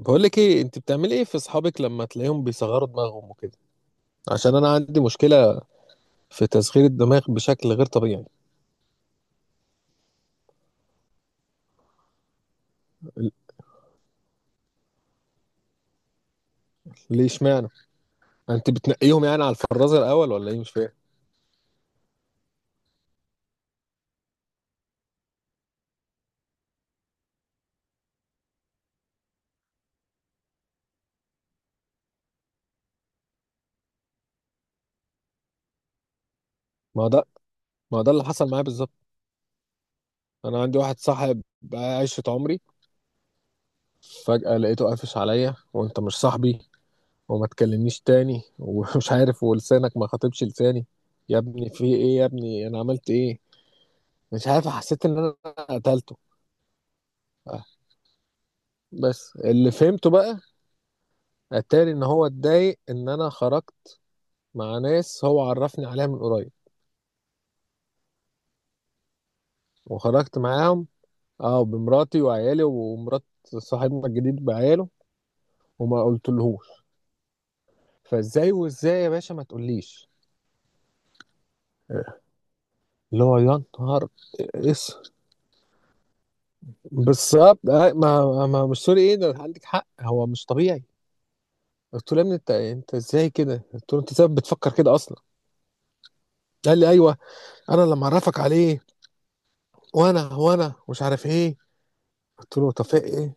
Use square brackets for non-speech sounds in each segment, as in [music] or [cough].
بقول لك ايه، انت بتعملي ايه في اصحابك لما تلاقيهم بيصغروا دماغهم وكده؟ عشان انا عندي مشكله في تصغير الدماغ بشكل غير طبيعي. ال- ليه؟ اشمعنى؟ انت بتنقيهم يعني على الفرازه الاول ولا ايه؟ مش فاهم. ما ده ما ده اللي حصل معايا بالظبط. انا عندي واحد صاحب بقى 10 عمري، فجاه لقيته قافش عليا: وانت مش صاحبي وما تكلمنيش تاني [laughs] ومش عارف، ولسانك ما خاطبش لساني. يا ابني في ايه؟ يا ابني انا عملت ايه؟ مش عارف، حسيت ان انا قتلته. بس اللي فهمته بقى، اتاري ان هو اتضايق ان انا خرجت مع ناس هو عرفني عليها من قريب، وخرجت معاهم، اه، بمراتي وعيالي ومرات صاحبنا الجديد بعياله، وما قلتلهوش. فازاي وازاي يا باشا ما تقوليش؟ اللي هو يا نهار اس. بالظبط، ما مش سوري، ايه ده؟ عندك حق، هو مش طبيعي. قلت له يا ابني، انت ازاي كده؟ قلت له انت ازاي بتفكر كده اصلا؟ قال لي ايوه، انا لما اعرفك عليه وانا مش عارف ايه. قلت له طب في ايه؟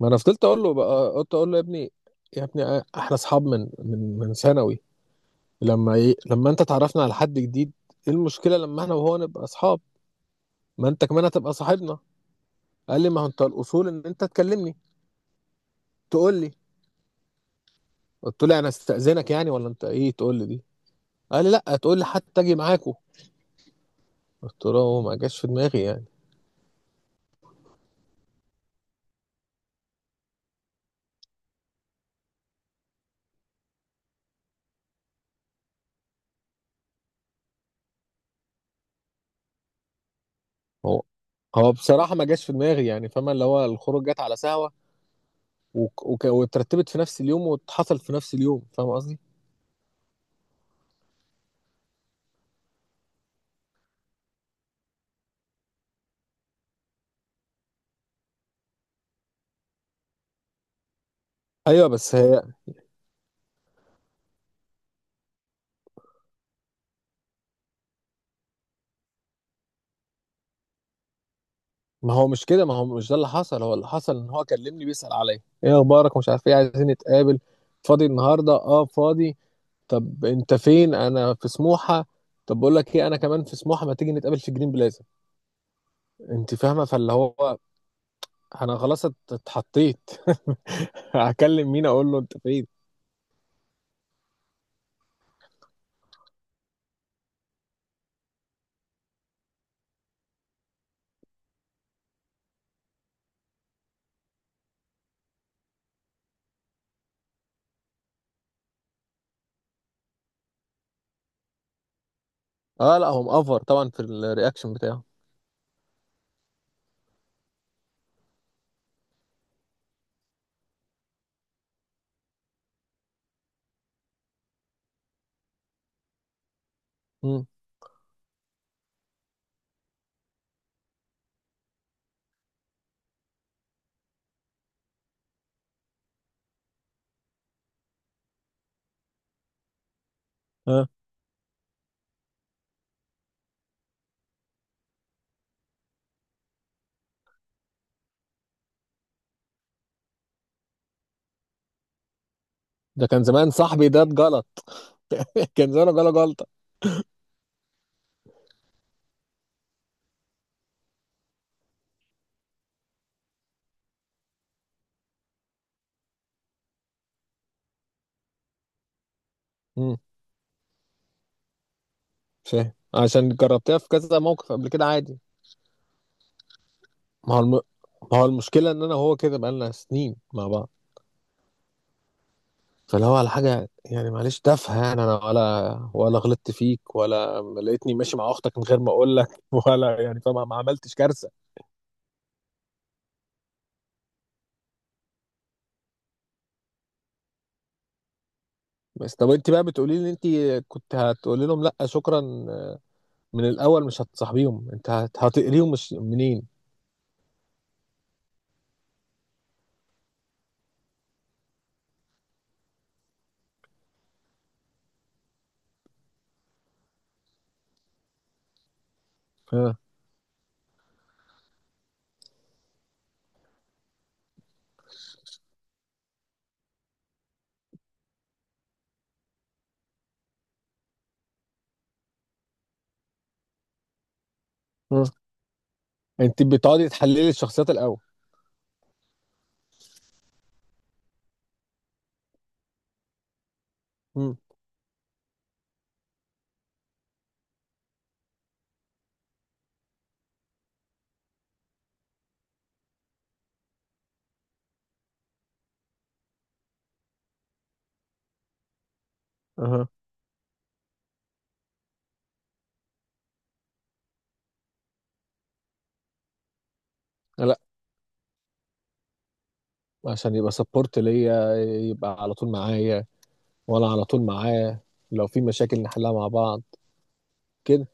ما انا فضلت اقول له بقى، قلت اقول له يا ابني، يا ابني احنا اصحاب من ثانوي، لما ايه؟ لما انت تعرفنا على حد جديد، ايه المشكله لما احنا وهو نبقى اصحاب؟ ما انت كمان هتبقى صاحبنا. قال لي ما هو انت الاصول ان انت تكلمني تقول لي. قلت له انا استاذنك يعني؟ ولا انت ايه تقول لي دي؟ قال لي لا، تقول لي حتى اجي معاكو. قلت له هو ما جاش في دماغي يعني. هو هو بصراحه ما جاش في دماغي يعني، فاهمه؟ اللي هو الخروج جت على سهوه، واترتبت في نفس اليوم واتحصل في نفس اليوم، فاهم قصدي؟ ايوه بس هي، ما هو مش كده، ما هو مش ده اللي حصل. هو اللي حصل ان هو كلمني بيسأل عليا: ايه اخبارك ومش عارف ايه، عايزين نتقابل، فاضي النهارده؟ اه فاضي. طب انت فين؟ انا في سموحه. طب بقول لك ايه، انا كمان في سموحه، ما تيجي نتقابل في جرين بلازا؟ انت فاهمه؟ فاللي هو انا خلاص اتحطيت. [laughs] هكلم مين اقول له انت فين؟ اه لا، هو مقفر طبعا في الرياكشن بتاعه. امم. اه. ده كان زمان صاحبي ده اتجلط. [laughs] كان زمان جاله جلطه. امم. فاهم، عشان جربتها في كذا موقف قبل كده، عادي. ما هو الم... ما هو المشكلة إن أنا وهو كده بقالنا سنين مع بعض، فاللي هو على حاجة يعني معلش تافهة، يعني أنا ولا غلطت فيك، ولا لقيتني ماشي مع أختك من غير ما أقول لك، [laughs] ولا يعني، فما ما عملتش كارثة. بس طب أنت بقى بتقولي لي أنت كنت هتقولي لهم لأ شكرا؟ من الأول مش هتصاحبيهم؟ أنت هتقريهم مش منين؟ ها. ها. أنت بتقعدي تحللي الشخصيات الأول؟ مم. أها. لأ، عشان يبقى سبورت ليا، يبقى على طول معايا، وانا على طول معاه، لو في مشاكل نحلها مع بعض كده.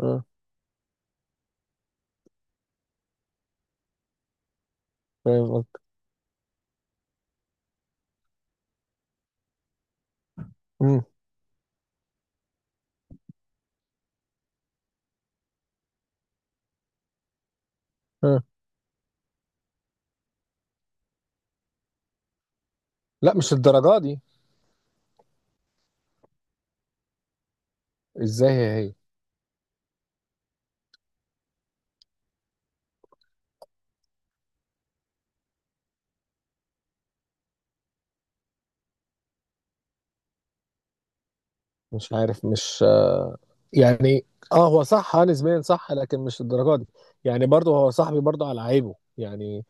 اه فاهم قصدك. أمم. اه لا، مش الدرجه دي. ازاي هي هي؟ مش عارف، مش يعني، اه هو صح، نسبيا صح، لكن مش الدرجه دي. يعني برضه هو صاحبي برضه على عيبه، يعني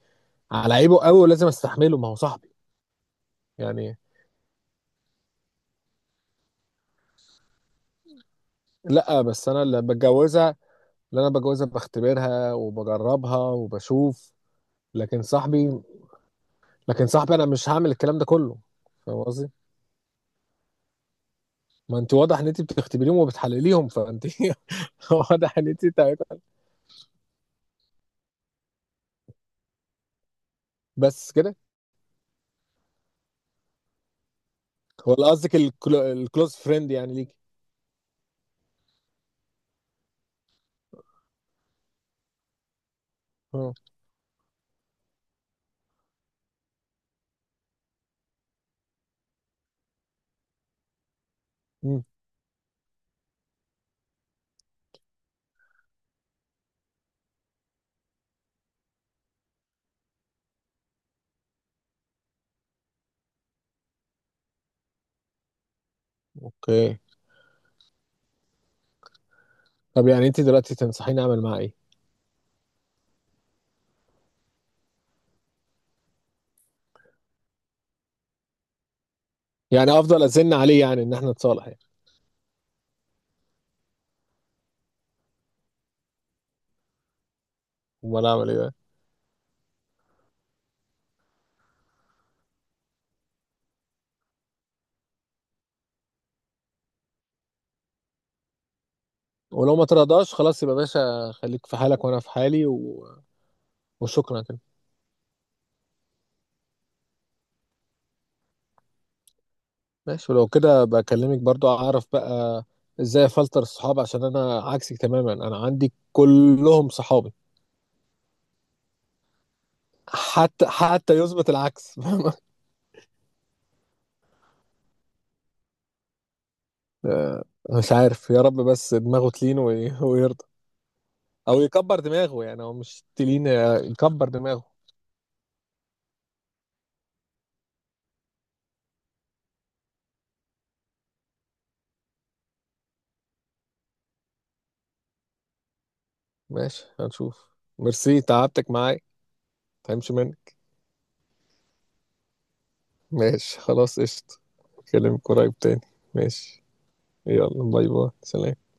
على عيبه قوي ولازم استحمله، ما هو صاحبي. يعني لا بس انا اللي بتجوزها، اللي انا بتجوزها بختبرها وبجربها وبشوف، لكن صاحبي، لكن صاحبي انا مش هعمل الكلام ده كله. فاهم قصدي؟ ما انت واضح ان انت بتختبريهم وبتحلليهم، فانت [laughs] واضح ان انت تعبت. بس كده؟ ولا قصدك الكلوز فريند يعني ليك؟ اه. مم. اوكي. طب يعني انت دلوقتي تنصحيني اعمل معاه ايه؟ يعني افضل ازن عليه يعني ان احنا نتصالح يعني؟ امال اعمل ايه بقى؟ ولو ما ترضاش، خلاص، يبقى باشا خليك في حالك وانا في حالي، و... وشكرا كده؟ ماشي، ولو كده بكلمك برضو، اعرف بقى ازاي افلتر الصحاب، عشان انا عكسك تماما، انا عندي كلهم صحابي حتى يثبت العكس. [laughs] آه، مش عارف، يا رب بس دماغه تلين ويرضى، او يكبر دماغه، يعني هو مش تلين، يكبر دماغه. ماشي هنشوف. ميرسي تعبتك معايا. متفهمش منك. ماشي خلاص، قشطة. اكلمك قريب تاني. ماشي، يلا باي باي سلام.